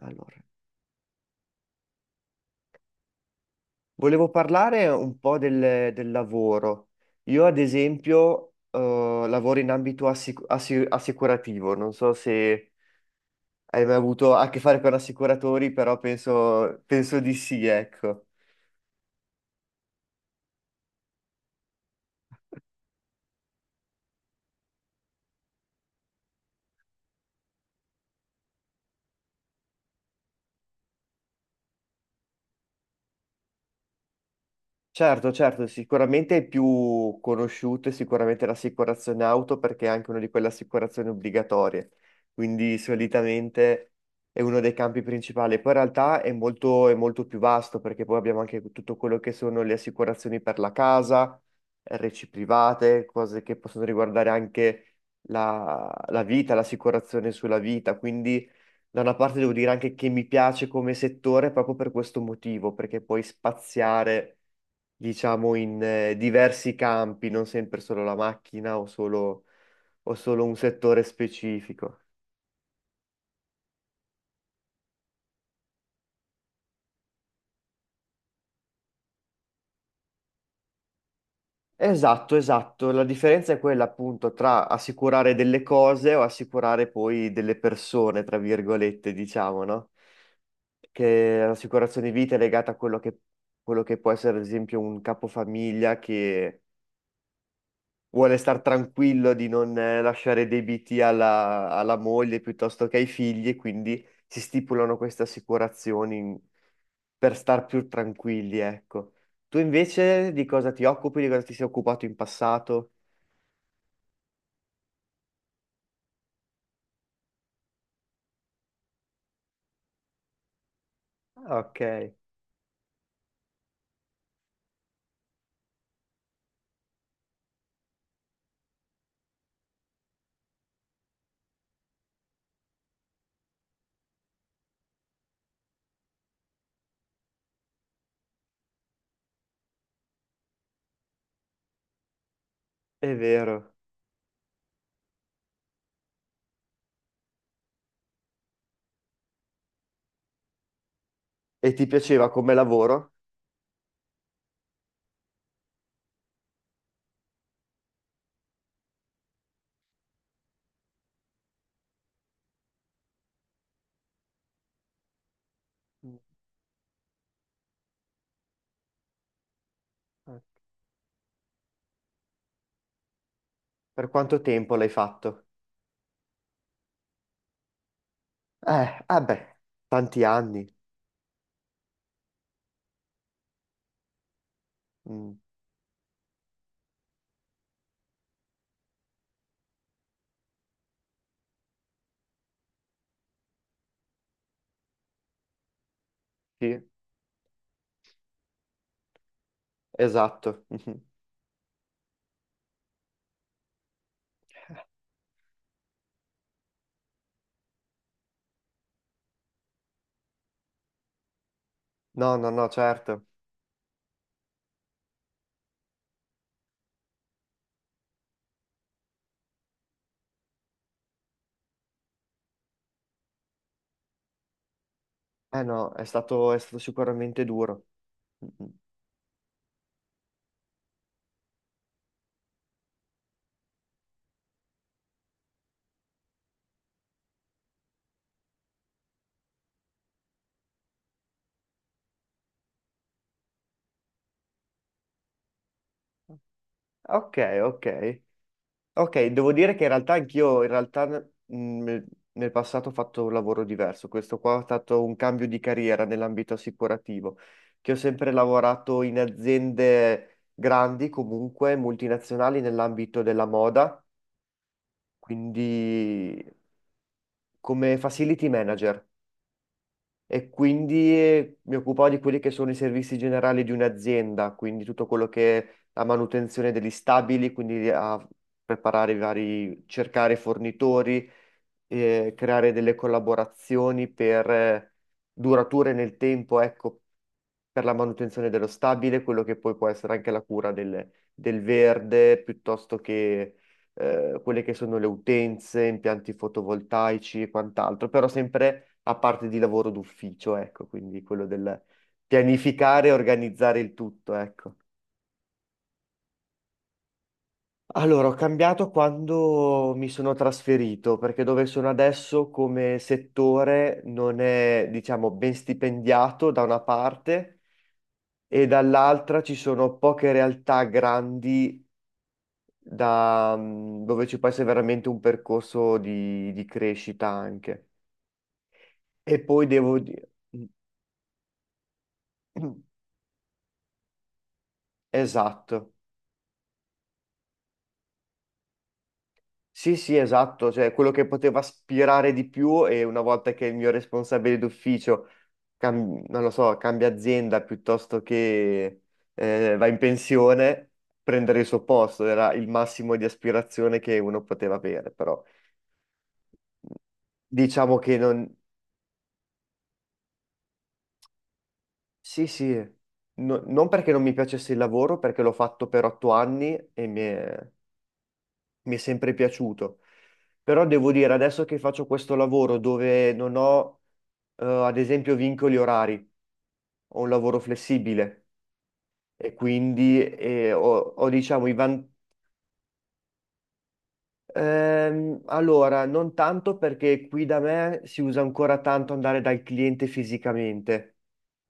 Allora, volevo parlare un po' del lavoro. Io, ad esempio, lavoro in ambito assicurativo. Non so se hai mai avuto a che fare con assicuratori, però penso di sì, ecco. Certo, certo, sicuramente è più conosciuto, è sicuramente l'assicurazione auto perché è anche una di quelle assicurazioni obbligatorie, quindi solitamente è uno dei campi principali. Poi in realtà è molto più vasto perché poi abbiamo anche tutto quello che sono le assicurazioni per la casa, RC private, cose che possono riguardare anche la vita, l'assicurazione sulla vita, quindi... Da una parte devo dire anche che mi piace come settore proprio per questo motivo, perché puoi spaziare, diciamo, in diversi campi, non sempre solo la macchina o solo un settore specifico. Esatto, esatto. La differenza è quella appunto tra assicurare delle cose o assicurare poi delle persone, tra virgolette, diciamo, no? Che l'assicurazione vita è legata a quello che può essere, ad esempio, un capofamiglia che vuole star tranquillo di non lasciare debiti alla moglie piuttosto che ai figli, e quindi si stipulano queste assicurazioni per star più tranquilli, ecco. Tu invece di cosa ti occupi, di cosa ti sei occupato in passato? Ah, ok, è vero. E ti piaceva come lavoro? Mm, ok. Per quanto tempo l'hai fatto? Vabbè, tanti anni. Mm, sì, esatto. No, no, no, certo. Eh no, è stato sicuramente duro. Mm, mm. Ok, ok. Ok, devo dire che in realtà anch'io, in realtà nel passato ho fatto un lavoro diverso. Questo qua è stato un cambio di carriera nell'ambito assicurativo, che ho sempre lavorato in aziende grandi, comunque multinazionali nell'ambito della moda, quindi come facility manager. E quindi mi occupavo di quelli che sono i servizi generali di un'azienda, quindi tutto quello che è la manutenzione degli stabili, quindi a preparare i vari, cercare fornitori, creare delle collaborazioni per durature nel tempo, ecco, per la manutenzione dello stabile, quello che poi può essere anche la cura del verde, piuttosto che quelle che sono le utenze, impianti fotovoltaici e quant'altro, però sempre a parte di lavoro d'ufficio, ecco, quindi quello del pianificare e organizzare il tutto, ecco. Allora, ho cambiato quando mi sono trasferito, perché dove sono adesso come settore non è, diciamo, ben stipendiato da una parte, e dall'altra ci sono poche realtà grandi dove ci può essere veramente un percorso di crescita anche. E poi devo dire... Esatto. Sì, sì, esatto. Cioè, quello che poteva aspirare di più: e una volta che il mio responsabile d'ufficio non lo so, cambia azienda piuttosto che va in pensione, prendere il suo posto era il massimo di aspirazione che uno poteva avere, però mhmm, diciamo che non. Sì, sì. Non perché non mi piacesse il lavoro, perché l'ho fatto per 8 anni e mi è sempre piaciuto. Però devo dire, adesso che faccio questo lavoro dove non ho, ad esempio, vincoli orari, ho un lavoro flessibile, e quindi ho, diciamo, allora, non tanto, perché qui da me si usa ancora tanto andare dal cliente fisicamente,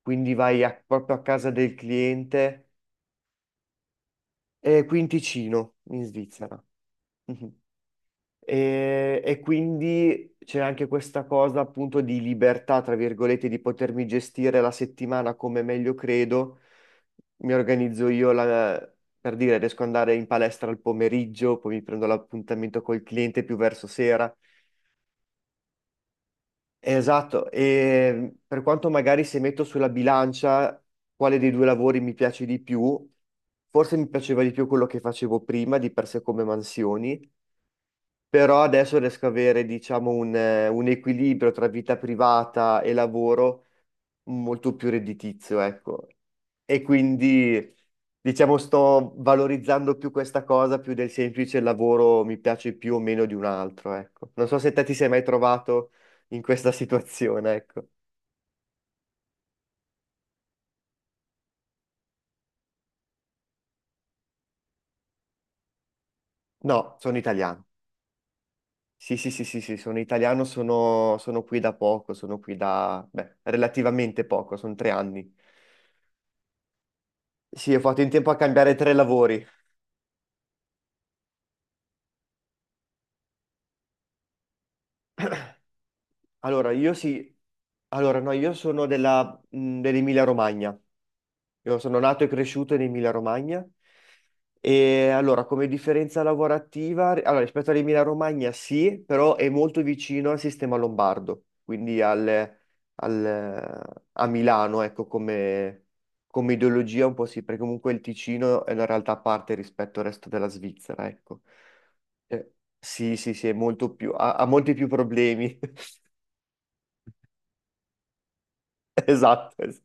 quindi vai proprio a casa del cliente, e qui in Ticino, in Svizzera. Mhm. E quindi c'è anche questa cosa appunto di libertà, tra virgolette, di potermi gestire la settimana come meglio credo. Mi organizzo io per dire, riesco ad andare in palestra al pomeriggio, poi mi prendo l'appuntamento col cliente più verso sera. Esatto, e per quanto magari, se metto sulla bilancia quale dei due lavori mi piace di più, forse mi piaceva di più quello che facevo prima, di per sé come mansioni, però adesso riesco a avere, diciamo, un equilibrio tra vita privata e lavoro molto più redditizio, ecco. E quindi, diciamo, sto valorizzando più questa cosa, più del semplice lavoro mi piace più o meno di un altro, ecco. Non so se te ti sei mai trovato in questa situazione, ecco. No, sono italiano. Sì, sì, sì, sì, sì, sono italiano, sono, qui da poco, sono qui da, beh, relativamente poco, sono 3 anni. Sì, ho fatto in tempo a cambiare 3 lavori. Allora, io sì, allora no, io sono dell'Emilia Romagna, io sono nato e cresciuto in Emilia Romagna. E allora, come differenza lavorativa, allora rispetto all'Emilia Romagna sì, però è molto vicino al sistema lombardo, quindi al, a Milano, ecco, come ideologia un po' sì, perché comunque il Ticino è una realtà a parte rispetto al resto della Svizzera, ecco. Eh, sì, sì, sì, è molto più, ha molti più problemi. Esatto,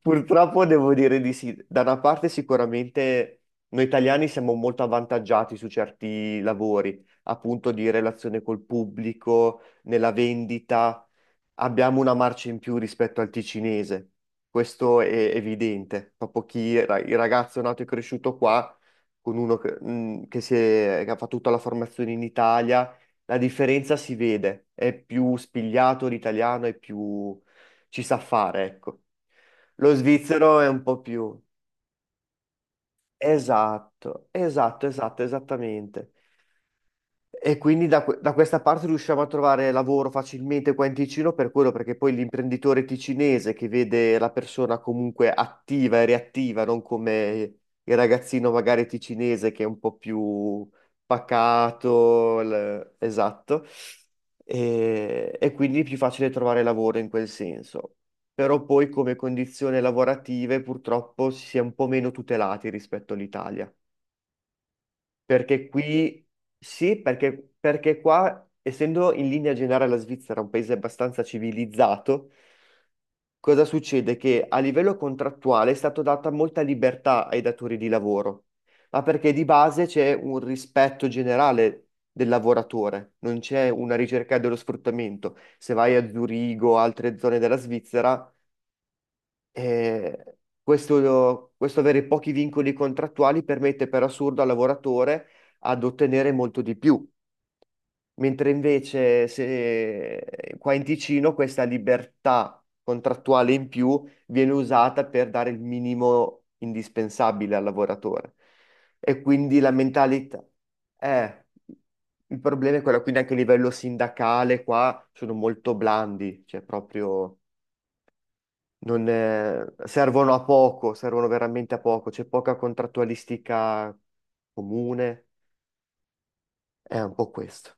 purtroppo devo dire di sì. Da una parte sicuramente noi italiani siamo molto avvantaggiati su certi lavori, appunto di relazione col pubblico, nella vendita, abbiamo una marcia in più rispetto al ticinese. Questo è evidente. Proprio il ragazzo nato e cresciuto qua, con uno che, che ha fatto tutta la formazione in Italia, la differenza si vede. È più spigliato l'italiano, è più... ci sa fare, ecco. Lo svizzero è un po' più... Esatto, esatto, esatto, esattamente. E quindi da questa parte riusciamo a trovare lavoro facilmente qua in Ticino per quello, perché poi l'imprenditore ticinese che vede la persona comunque attiva e reattiva, non come il ragazzino magari ticinese che è un po' più pacato, esatto, e quindi è più facile trovare lavoro in quel senso. Però poi come condizioni lavorative purtroppo si è un po' meno tutelati rispetto all'Italia. Perché qui sì, perché qua, essendo in linea generale la Svizzera un paese abbastanza civilizzato, cosa succede? Che a livello contrattuale è stata data molta libertà ai datori di lavoro, ma perché di base c'è un rispetto generale del lavoratore, non c'è una ricerca dello sfruttamento. Se vai a Zurigo o altre zone della Svizzera, questo, avere pochi vincoli contrattuali permette per assurdo al lavoratore ad ottenere molto di più, mentre invece se qua in Ticino questa libertà contrattuale in più viene usata per dare il minimo indispensabile al lavoratore. E quindi la mentalità è... Il problema è quello, quindi anche a livello sindacale qua sono molto blandi, cioè proprio non, servono a poco, servono veramente a poco, c'è poca contrattualistica comune, è un po' questo.